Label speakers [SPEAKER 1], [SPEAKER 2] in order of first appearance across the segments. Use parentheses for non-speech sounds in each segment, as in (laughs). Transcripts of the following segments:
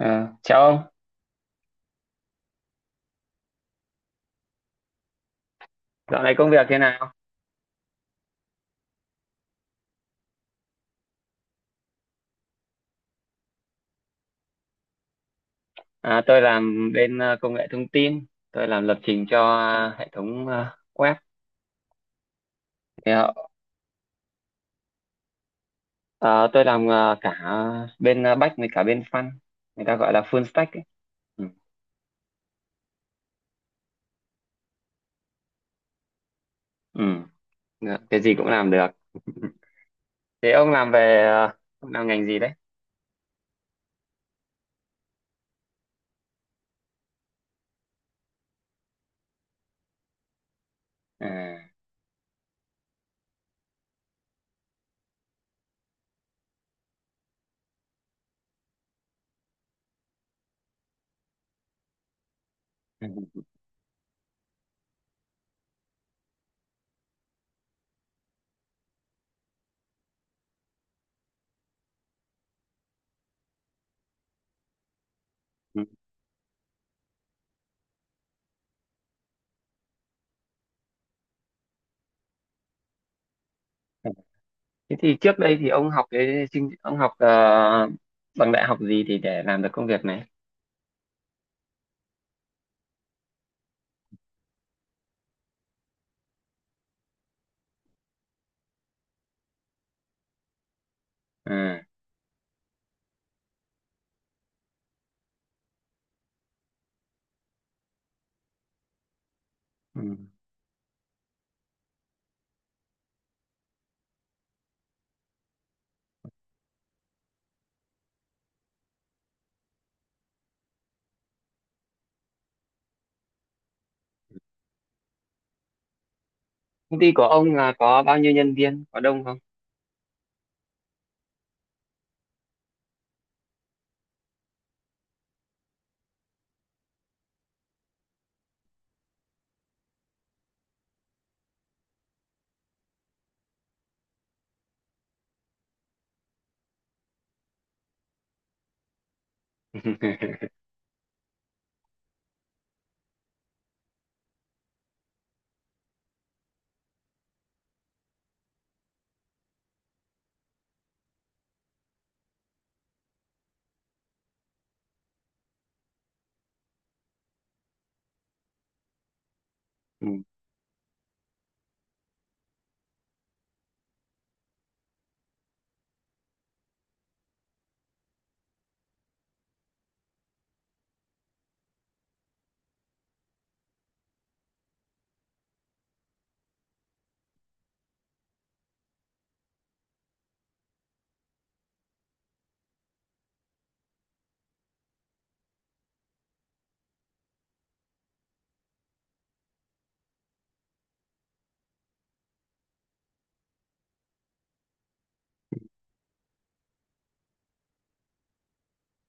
[SPEAKER 1] À, chào ông, dạo này công việc thế nào? À, tôi làm bên công nghệ thông tin, tôi làm lập trình cho hệ thống web. Thì, ờ, tôi làm cả bên back với cả bên front, người ta gọi là full stack ấy. Ừ. Ừ. Dạ, cái gì cũng làm được. (laughs) Thế ông làm ngành gì đấy? À. (laughs) Thế thì trước đây thì ông học cái chương- ông học ờ, bằng đại học gì thì để làm được công việc này? À. Ừ. Công ty của ông là có bao nhiêu nhân viên? Có đông không? (laughs) Ừ.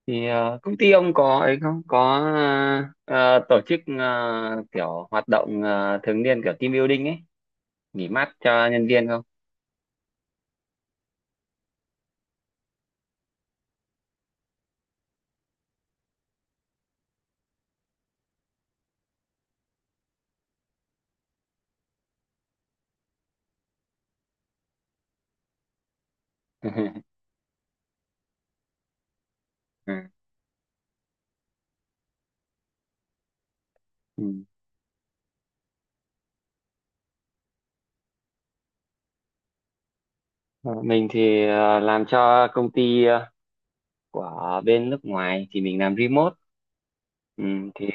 [SPEAKER 1] Thì công ty ông có ấy không có tổ chức kiểu hoạt động thường niên, kiểu team building ấy, nghỉ mát cho nhân viên không? (laughs) Ừ. Ừ. Ờ, Mình thì làm cho công ty của bên nước ngoài, thì mình làm remote. ừ, thì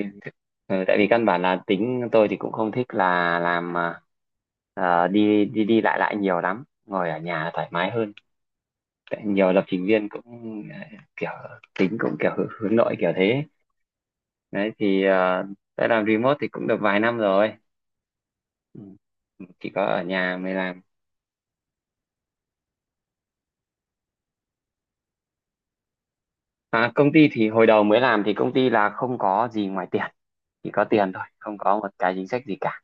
[SPEAKER 1] ừ, tại vì căn bản là tính tôi thì cũng không thích là làm đi đi đi lại lại nhiều lắm, ngồi ở nhà thoải mái hơn. Tại nhiều lập trình viên cũng kiểu tính cũng kiểu hướng hướng nội kiểu thế đấy. Thì đã làm remote thì cũng được vài năm rồi. Ừ. Ừ, chỉ có ở nhà mới làm. À, công ty thì hồi đầu mới làm thì công ty là không có gì ngoài tiền, chỉ có tiền thôi, không có một cái chính sách gì cả.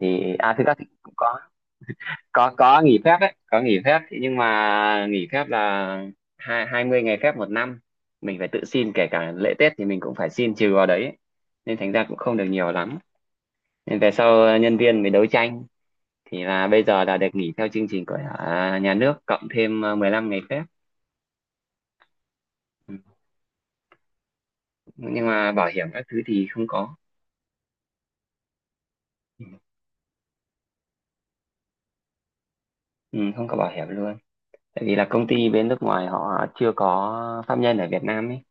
[SPEAKER 1] Thì thực ra thì cũng Có nghỉ phép đấy, có nghỉ phép thì nhưng mà nghỉ phép là hai hai mươi ngày phép một năm, mình phải tự xin, kể cả lễ Tết thì mình cũng phải xin trừ vào đấy, nên thành ra cũng không được nhiều lắm. Nên về sau nhân viên mới đấu tranh, thì là bây giờ là được nghỉ theo chương trình của nhà nước cộng thêm 15 ngày phép. Ừ, nhưng mà bảo hiểm các thứ thì không có. Ừ, không có bảo hiểm luôn. Tại vì là công ty bên nước ngoài họ chưa có pháp nhân ở Việt Nam ấy,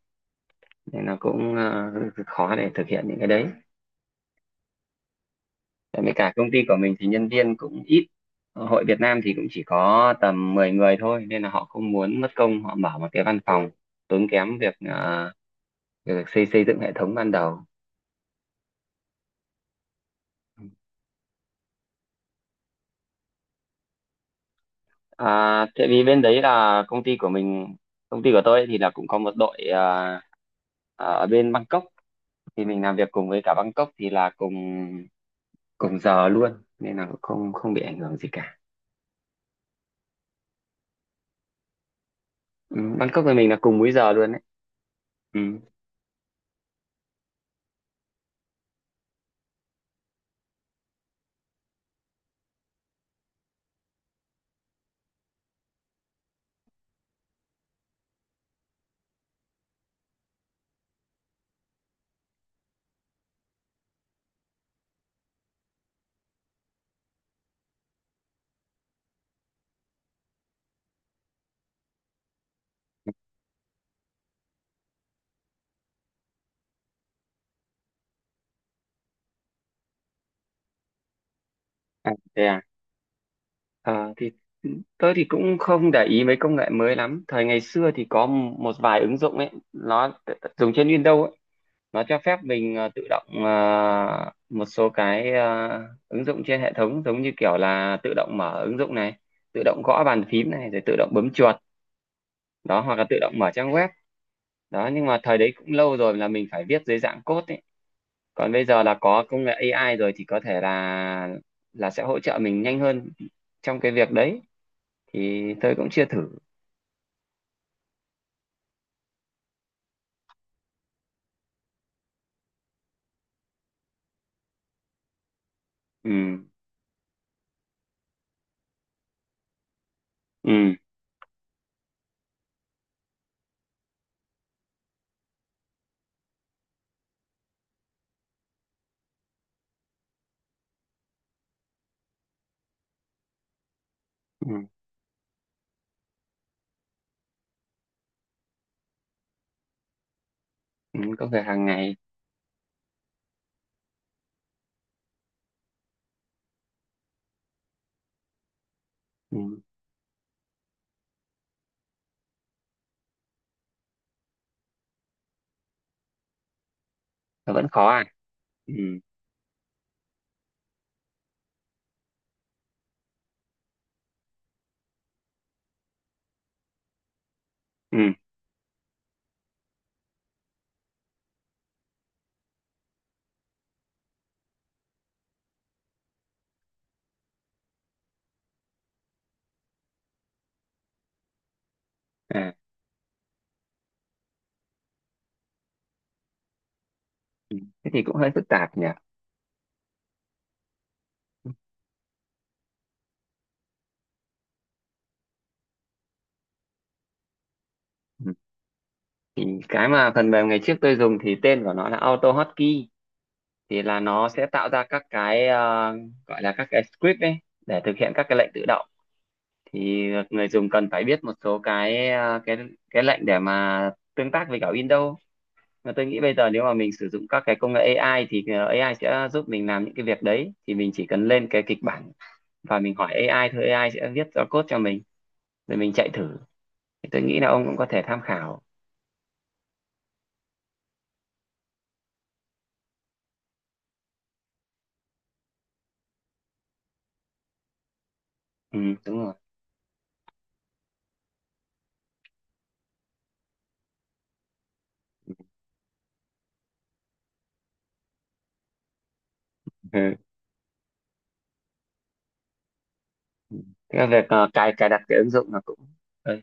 [SPEAKER 1] nên là cũng khó để thực hiện những cái đấy. Tại vì cả công ty của mình thì nhân viên cũng ít. Ờ, hội Việt Nam thì cũng chỉ có tầm 10 người thôi, nên là họ không muốn mất công họ mở một cái văn phòng, tốn kém việc việc xây xây dựng hệ thống ban đầu. Ừ. À, tại vì bên đấy là công ty của mình, công ty của tôi ấy thì là cũng có một đội ở bên Bangkok, thì mình làm việc cùng với cả Bangkok thì là cùng cùng giờ luôn, nên là cũng không không bị ảnh hưởng gì cả. Ừ, Bangkok với mình là cùng múi giờ luôn đấy. Ừ. À, thế à? Ờ, thì tôi thì cũng không để ý mấy công nghệ mới lắm. Thời ngày xưa thì có một vài ứng dụng ấy, nó dùng trên Windows ấy. Nó cho phép mình tự động một số cái ứng dụng trên hệ thống, giống như kiểu là tự động mở ứng dụng này, tự động gõ bàn phím này, rồi tự động bấm chuột đó, hoặc là tự động mở trang web đó. Nhưng mà thời đấy cũng lâu rồi, là mình phải viết dưới dạng code ấy. Còn bây giờ là có công nghệ AI rồi thì có thể là sẽ hỗ trợ mình nhanh hơn trong cái việc đấy. Thì tôi cũng chưa thử. Ừ, ừ, ừ, ừ. Công việc hàng ngày. Ừ. Nó vẫn khó à? Ừ, ừ, à, ừ. Thế thì cũng hơi phức tạp nhỉ. Ừ. Thì cái mà phần mềm ngày trước tôi dùng thì tên của nó là AutoHotkey, thì là nó sẽ tạo ra các cái gọi là các cái script ấy, để thực hiện các cái lệnh tự động. Thì người dùng cần phải biết một số cái ờ, cái lệnh để mà tương tác với cả Windows. Mà tôi nghĩ bây giờ nếu mà mình sử dụng các cái công nghệ AI thì AI sẽ giúp mình làm những cái việc đấy. Thì mình chỉ cần lên cái kịch bản và mình hỏi AI thôi, AI sẽ viết ra code cho mình rồi mình chạy thử. Thì tôi nghĩ là ông cũng có thể tham khảo. Ừ, đúng rồi. Cái việc cài cài đặt cái ứng dụng là cũng... Ừ,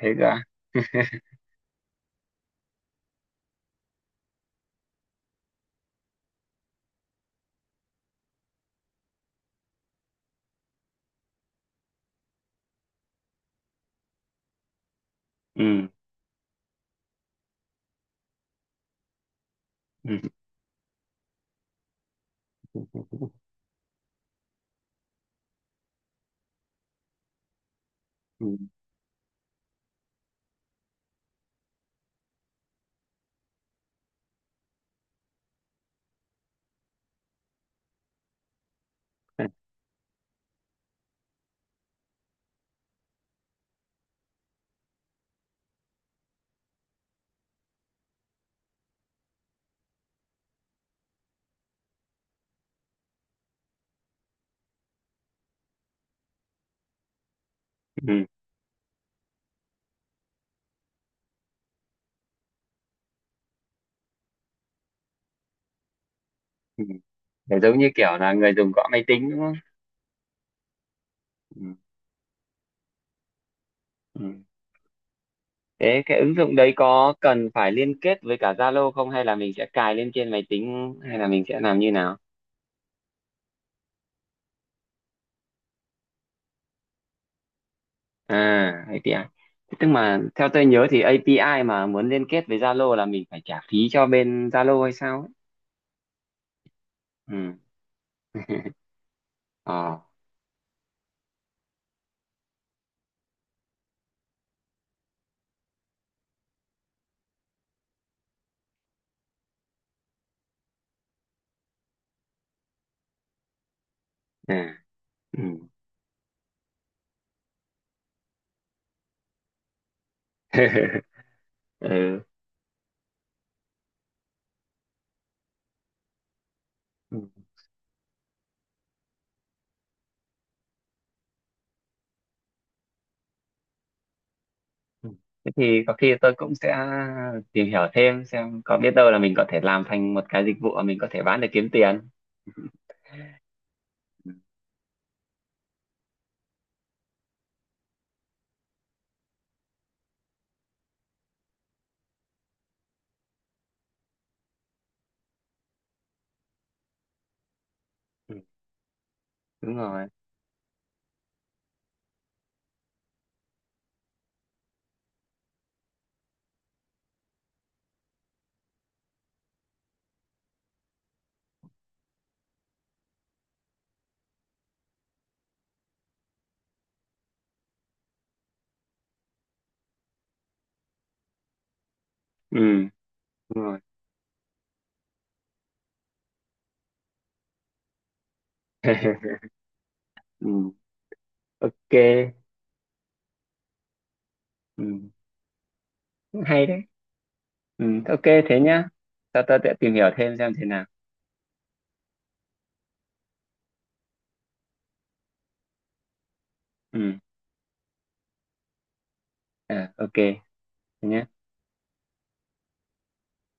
[SPEAKER 1] thế ra. (laughs) Ừ, ừ, ừ, ừ, ừ. Ừ. Để giống như kiểu là người dùng gõ máy tính đúng không? Ừ, ừ. Thế cái ứng dụng đấy có cần phải liên kết với cả Zalo không, hay là mình sẽ cài lên trên máy tính, hay là mình sẽ làm như nào? À, API. Thế tức mà theo tôi nhớ thì API mà muốn liên kết với Zalo là mình phải trả phí cho bên Zalo hay sao ấy. Ừ. (laughs) Ờ. À, ừ. (laughs) Ừ. Ừ. Thế thì có khi tôi cũng sẽ tìm hiểu thêm, xem có biết đâu là mình có thể làm thành một cái dịch vụ mà mình có thể bán để kiếm tiền. Ừ. Ừ, đúng rồi. Ừ, đúng rồi. (laughs) Ừ, ok. Ừ, cũng hay đấy. Ừ, ok thế nhá. Sao tôi sẽ tìm hiểu thêm xem thế nào. Ừ, à, ok. Thế nhá.